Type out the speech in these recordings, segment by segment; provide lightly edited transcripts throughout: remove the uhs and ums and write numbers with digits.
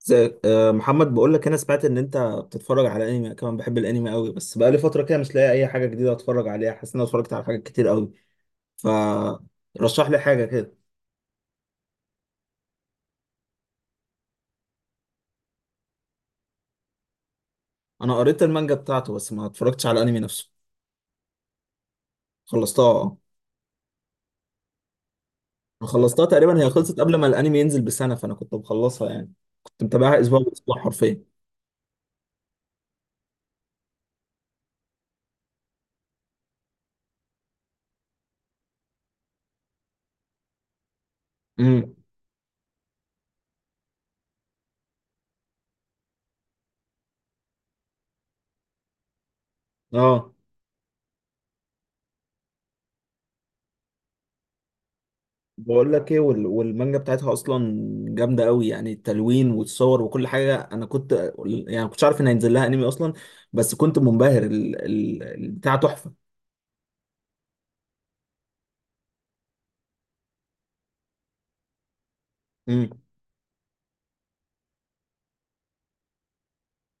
زي محمد بقول لك انا سمعت ان انت بتتفرج على انمي. أنا كمان بحب الانمي قوي، بس بقالي فتره كده مش لاقي اي حاجه جديده اتفرج عليها، حاسس ان انا اتفرجت على حاجات كتير قوي. فرشح لي حاجه كده. انا قريت المانجا بتاعته بس ما اتفرجتش على الانمي نفسه. خلصتها اه. أنا خلصتها تقريبا، هي خلصت قبل ما الانمي ينزل بسنه، فانا كنت مخلصها يعني. كنت متابعها اسبوع باسبوع حرفيا. امم، اه. بقول لك ايه، وال- والمانجا بتاعتها اصلا جامده قوي يعني، التلوين والصور وكل حاجه. انا كنت يعني ما كنتش عارف ان هينزل لها انمي اصلا، بس كنت منبهر البتاع، تحفه. امم.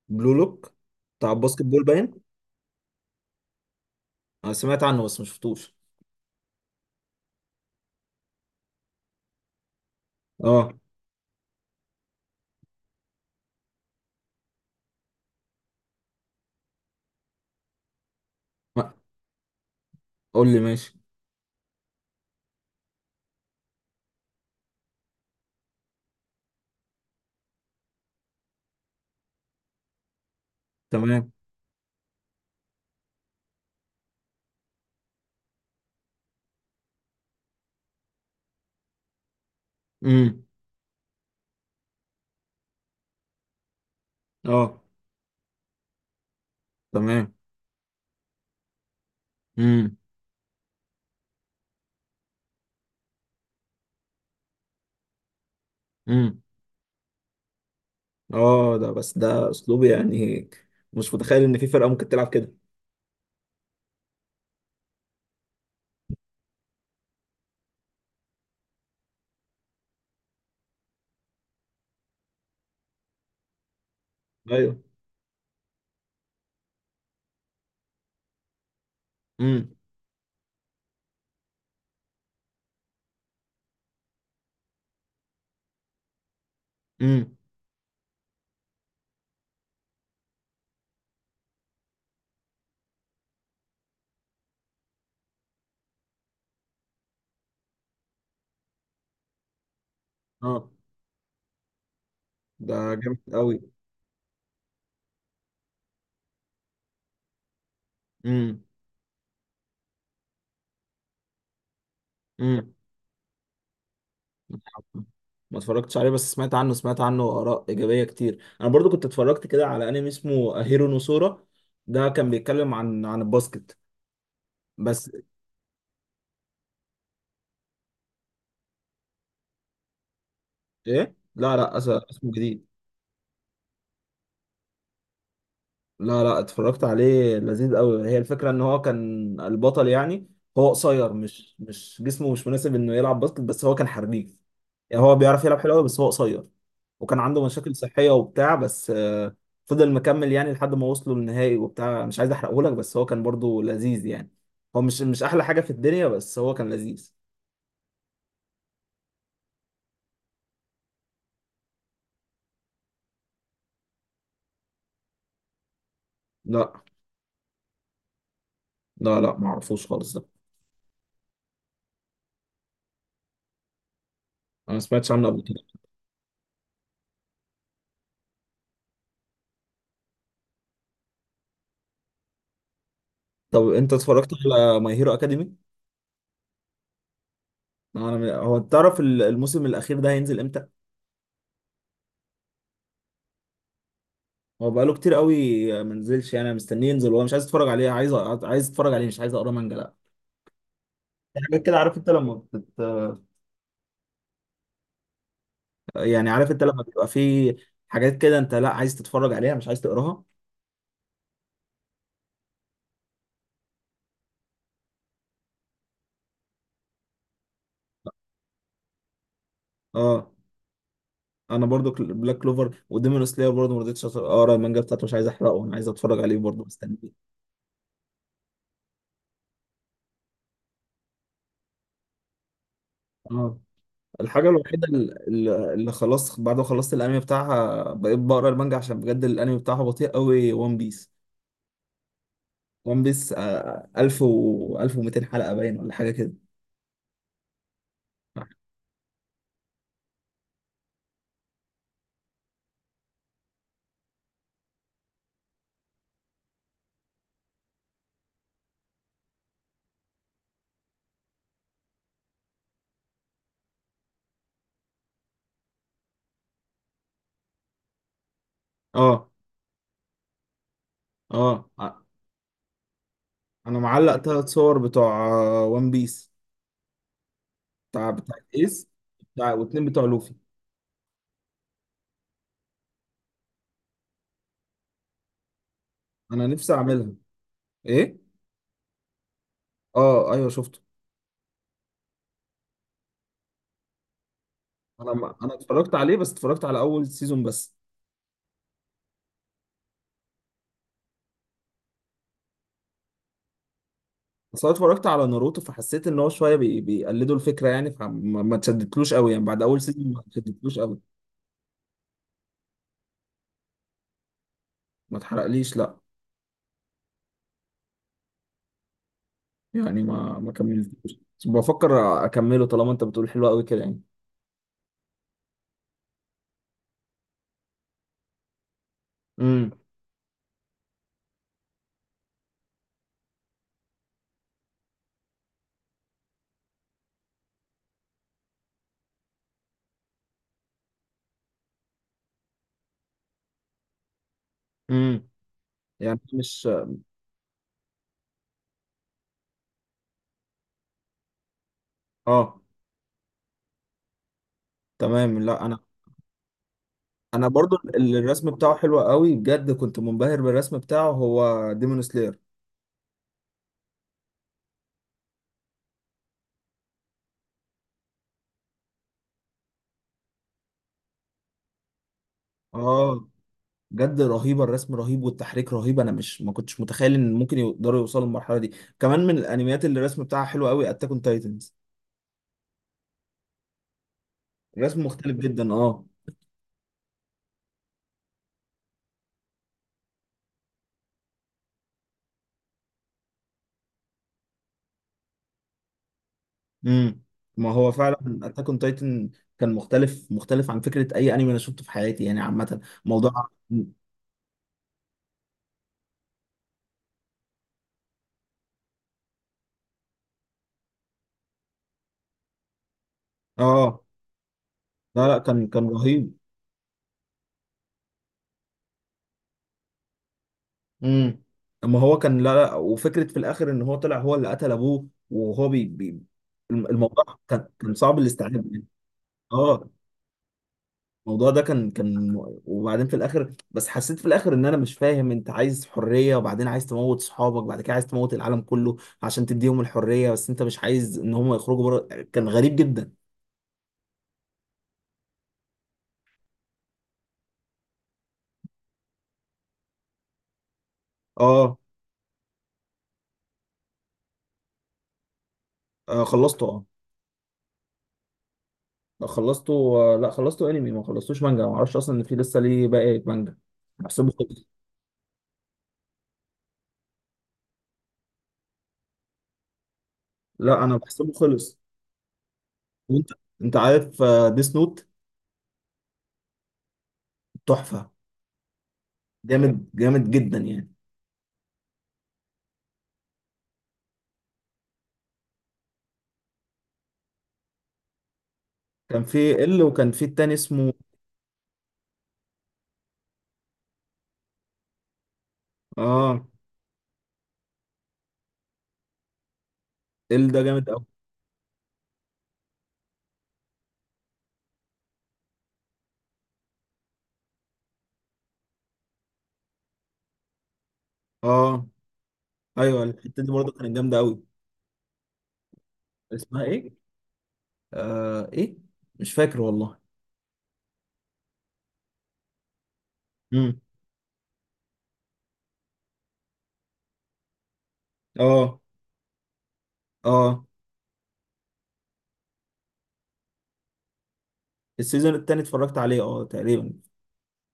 بلو لوك، بتاع الباسكت بول باين؟ انا سمعت عنه بس ما شفتوش. اه. ما- قول لي، ماشي. تمام. امم. اه. تمام. امم امم. اه، ده بس ده اسلوب يعني، مش متخيل ان في فرقه ممكن تلعب كده. ايوه. امم امم. اه، ده جامد قوي. امم. ما اتفرجتش عليه، بس سمعت عنه، سمعت عنه آراء إيجابية كتير. أنا برضو كنت اتفرجت كده على أنمي اسمه هيرو نوسورا. ده كان بيتكلم عن الباسكت بس. إيه؟ لا لا، اسمه جديد. لا لا، اتفرجت عليه، لذيذ قوي. هي الفكرة ان هو كان البطل يعني، هو قصير، مش مش جسمه مش مناسب انه يلعب باسكت، بس هو كان حريف يعني، هو بيعرف يلعب حلو قوي بس هو قصير. وكان عنده مشاكل صحية وبتاع، بس فضل مكمل يعني لحد ما وصلوا للنهائي وبتاع. مش عايز احرقه لك، بس هو كان برضو لذيذ يعني. هو مش احلى حاجة في الدنيا، بس هو كان لذيذ. لا لا لا، ما اعرفوش خالص ده. انا ما سمعتش عنه قبل كده. طب انت اتفرجت على ماي هيرو اكاديمي؟ انا هو تعرف الموسم الاخير ده هينزل امتى؟ هو بقاله كتير قوي ما نزلش يعني، انا مستنيه ينزل والله، مش عايز اتفرج عليه، عايز عايز اتفرج عليه، مش عايز اقرا مانجا، لا. حاجات كده، عارف انت لما يعني عارف انت لما بيبقى في حاجات كده، انت لا عايز تتفرج عليها مش عايز تقراها. اه. انا برضو بلاك كلوفر وديمون سلاير برضو ما رضيتش اقرا المانجا بتاعته، مش عايز احرقه، انا عايز اتفرج عليه برضو، مستنيه. اه. الحاجه الوحيده اللي خلاص بعد ما خلصت الانمي بتاعها بقيت بقرا المانجا، عشان بجد الانمي بتاعها بطيء قوي، وان بيس. وان بيس 1000 و 1200 حلقه باين ولا حاجه كده. اه اه، انا معلق ثلاث صور، بتوع وان بيس، بتاع ايس، بتاع واتنين بتوع لوفي. انا نفسي اعملها. ايه؟ اه ايوه شفته. انا ما... انا اتفرجت عليه بس اتفرجت على اول سيزون بس. بس انا اتفرجت على ناروتو فحسيت ان هو شويه بيقلدوا الفكره يعني، فما ما اتشدتلوش قوي يعني، بعد اول سيزون ما اتشدتلوش قوي. ما اتحرقليش لا. يعني ما كملتوش، بس بفكر اكمله طالما انت بتقول حلو قوي كده يعني. امم. امم. يعني مش، اه، تمام. لا انا، انا برضو الرسم بتاعه حلو قوي بجد، كنت منبهر بالرسم بتاعه هو، ديمون سلاير. اه. بجد رهيبه، الرسم رهيب والتحريك رهيب، انا مش ما كنتش متخيل ان ممكن يقدروا يوصلوا للمرحله دي. كمان من الانميات اللي الرسم بتاعها حلو قوي، اتاك اون تايتنز. الرسم مختلف جدا اه. امم. ما هو فعلا اتاك اون تايتن كان مختلف، مختلف عن فكره اي انمي انا شفته في حياتي يعني. عامه موضوع، اه. لا لا، كان رهيب. امم. اما هو كان، لا لا، وفكره في الاخر ان هو طلع هو اللي قتل ابوه، وهو بي بي الموضوع كان، كان صعب الاستيعاب يعني. اه. الموضوع ده كان، كان، وبعدين في الاخر، بس حسيت في الاخر ان انا مش فاهم، انت عايز حريه، وبعدين عايز تموت صحابك، بعد كده عايز تموت العالم كله عشان تديهم الحريه، بس انت مش عايز ان هم يخرجوا بره. كان غريب جدا. اه. آه خلصته اه. لا، خلصته. آه لا، خلصته انمي، ما خلصتوش مانجا، ما اعرفش اصلا ان في لسه ليه باقي مانجا، بحسبه خلص. لا انا بحسبه خلص. وانت انت عارف آه، ديس نوت؟ تحفه. جامد، جامد جدا يعني. كان في ال، وكان في التاني اسمه، اه، ال، ده جامد قوي. اه ايوه، الحته دي برضه كانت جامده قوي. اسمها ايه؟ آه ايه، مش فاكر والله. امم. اه. اه السيزون التاني اتفرجت عليه اه تقريبا،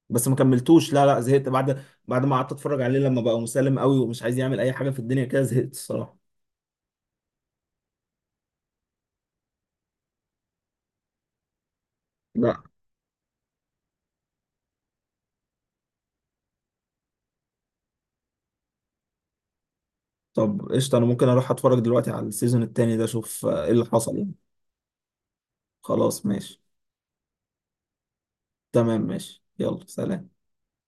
بس ما كملتوش لا لا، زهقت بعد ما قعدت اتفرج عليه لما بقى مسالم قوي ومش عايز يعمل اي حاجه في الدنيا كده، زهقت الصراحه. لا. طب قشطه، انا ممكن اروح اتفرج دلوقتي على السيزون التاني ده، اشوف ايه اللي حصل يعني. خلاص ماشي. تمام ماشي، يلا سلام.